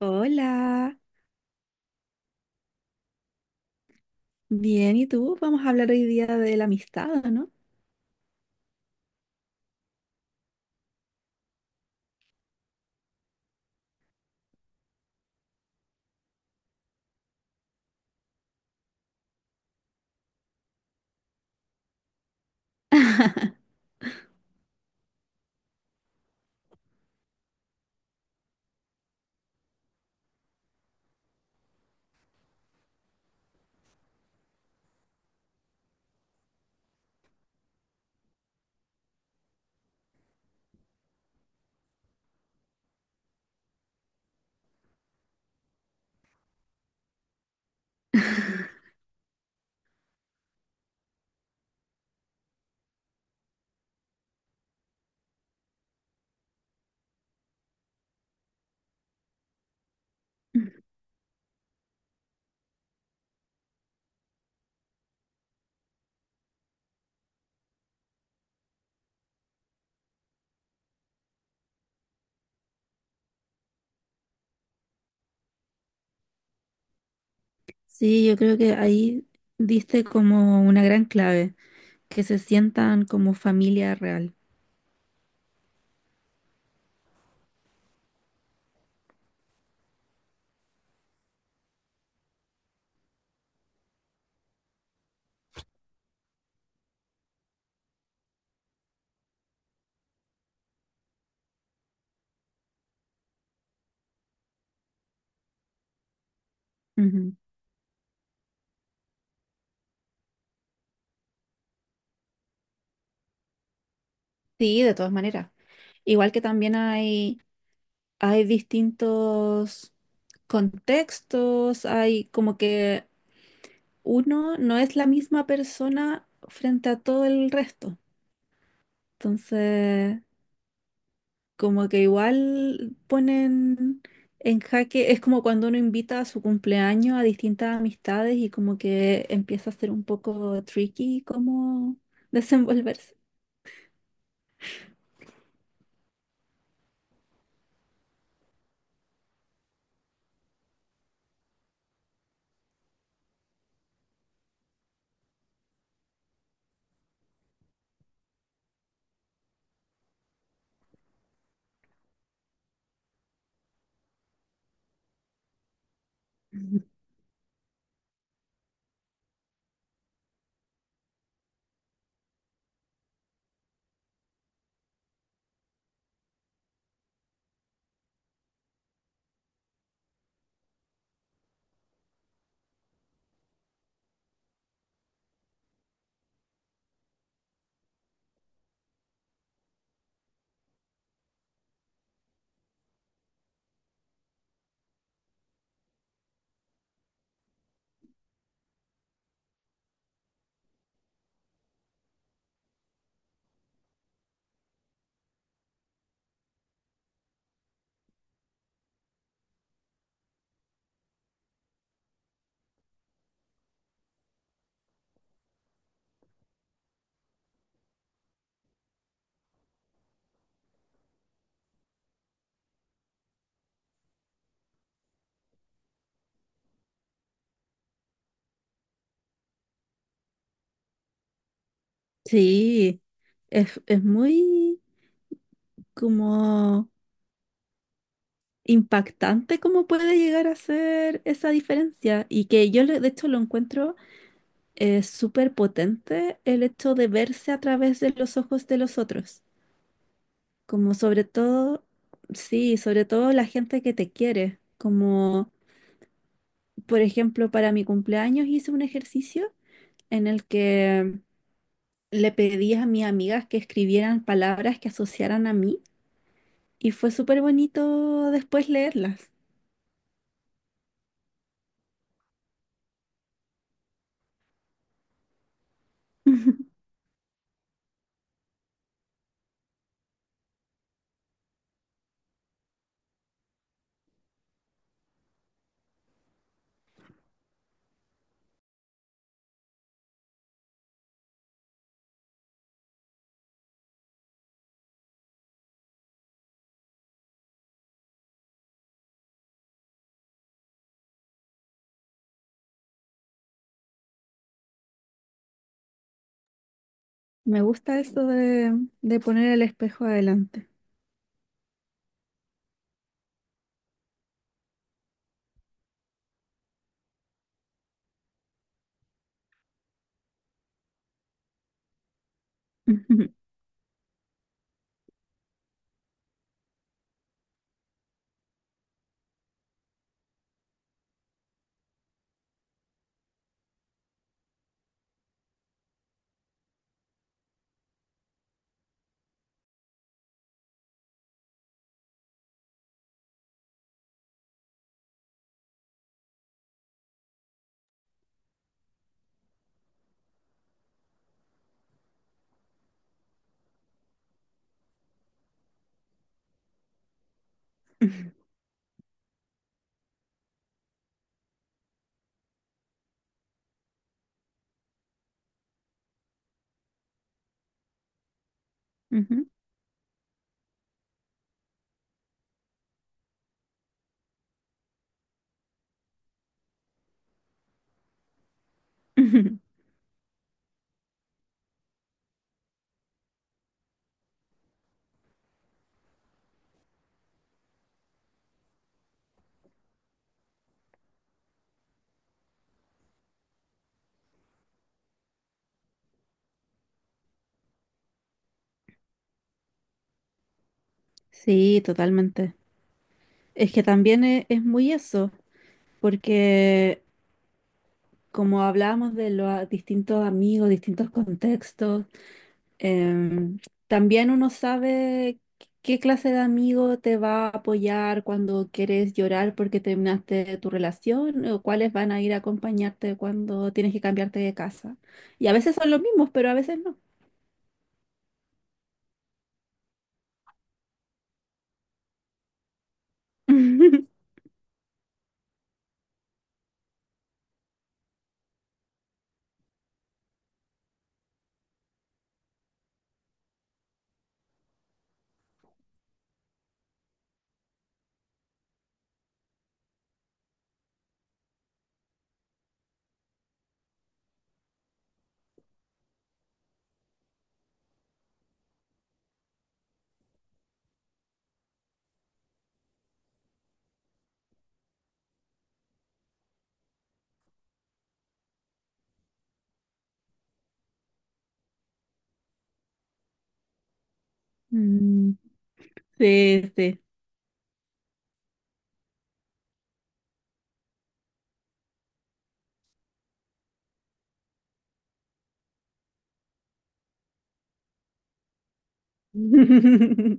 Hola, bien, ¿y tú? Vamos a hablar hoy día de la amistad, ¿o ¿no? Sí, yo creo que ahí diste como una gran clave, que se sientan como familia real. Ujú. Sí, de todas maneras. Igual que también hay distintos contextos, hay como que uno no es la misma persona frente a todo el resto. Entonces, como que igual ponen en jaque, es como cuando uno invita a su cumpleaños a distintas amistades y como que empieza a ser un poco tricky cómo desenvolverse. Sí, es muy como impactante cómo puede llegar a ser esa diferencia y que de hecho lo encuentro súper potente el hecho de verse a través de los ojos de los otros. Como sobre todo, sí, sobre todo la gente que te quiere. Como, por ejemplo, para mi cumpleaños hice un ejercicio en el que le pedí a mis amigas que escribieran palabras que asociaran a mí y fue súper bonito después leerlas. Me gusta eso de poner el espejo adelante. Ujú, ujú, ujú. Sí, totalmente. Es que también es muy eso, porque como hablábamos de los distintos amigos, distintos contextos, em, también uno sabe qué clase de amigo te va a apoyar cuando quieres llorar porque terminaste tu relación o cuáles van a ir a acompañarte cuando tienes que cambiarte de casa. Y a veces son los mismos, pero a veces no. Mm, sí, sí.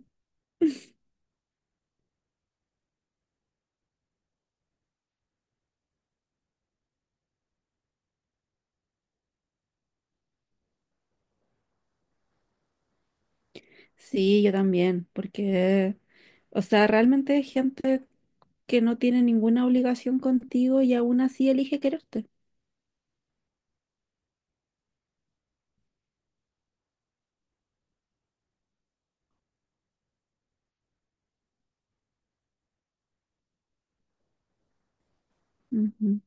Sí, yo también, porque, o sea, realmente hay gente que no tiene ninguna obligación contigo y aún así elige quererte. Ujú.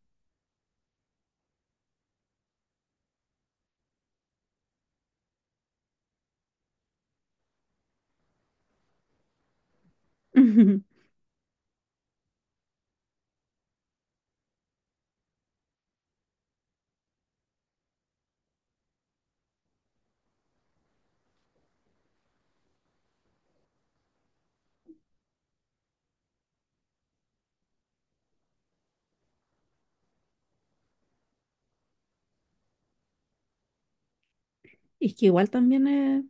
Y que igual también es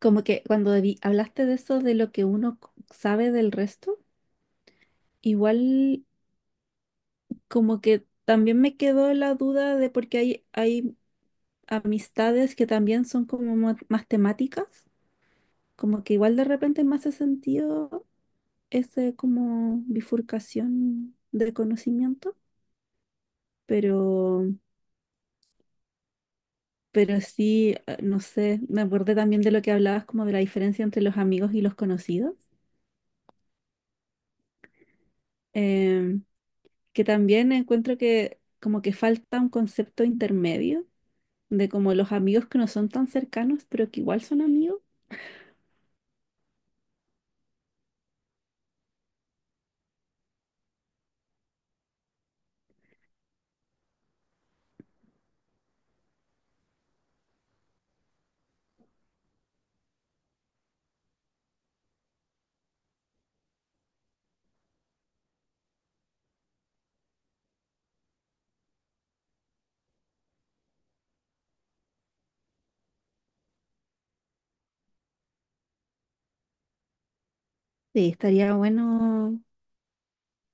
como que cuando hablaste de eso, de lo que uno sabe del resto, igual como que también me quedó la duda de porque hay amistades que también son como más temáticas, como que igual de repente me hace sentido esa como bifurcación de conocimiento, pero, pero sí, no sé, me acordé también de lo que hablabas como de la diferencia entre los amigos y los conocidos, eh, que también encuentro que como que falta un concepto intermedio de como los amigos que no son tan cercanos, pero que igual son amigos. Sí, estaría bueno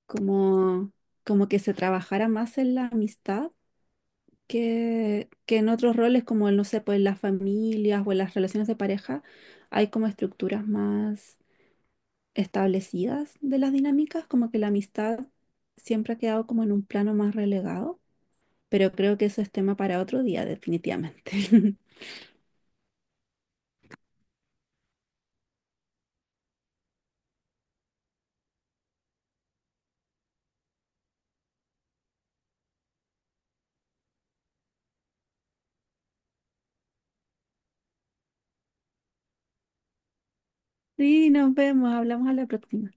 como, como que se trabajara más en la amistad que en otros roles como el, no sé, pues en las familias o en las relaciones de pareja, hay como estructuras más establecidas de las dinámicas, como que la amistad siempre ha quedado como en un plano más relegado, pero creo que eso es tema para otro día, definitivamente. Sí, nos vemos, hablamos a la próxima.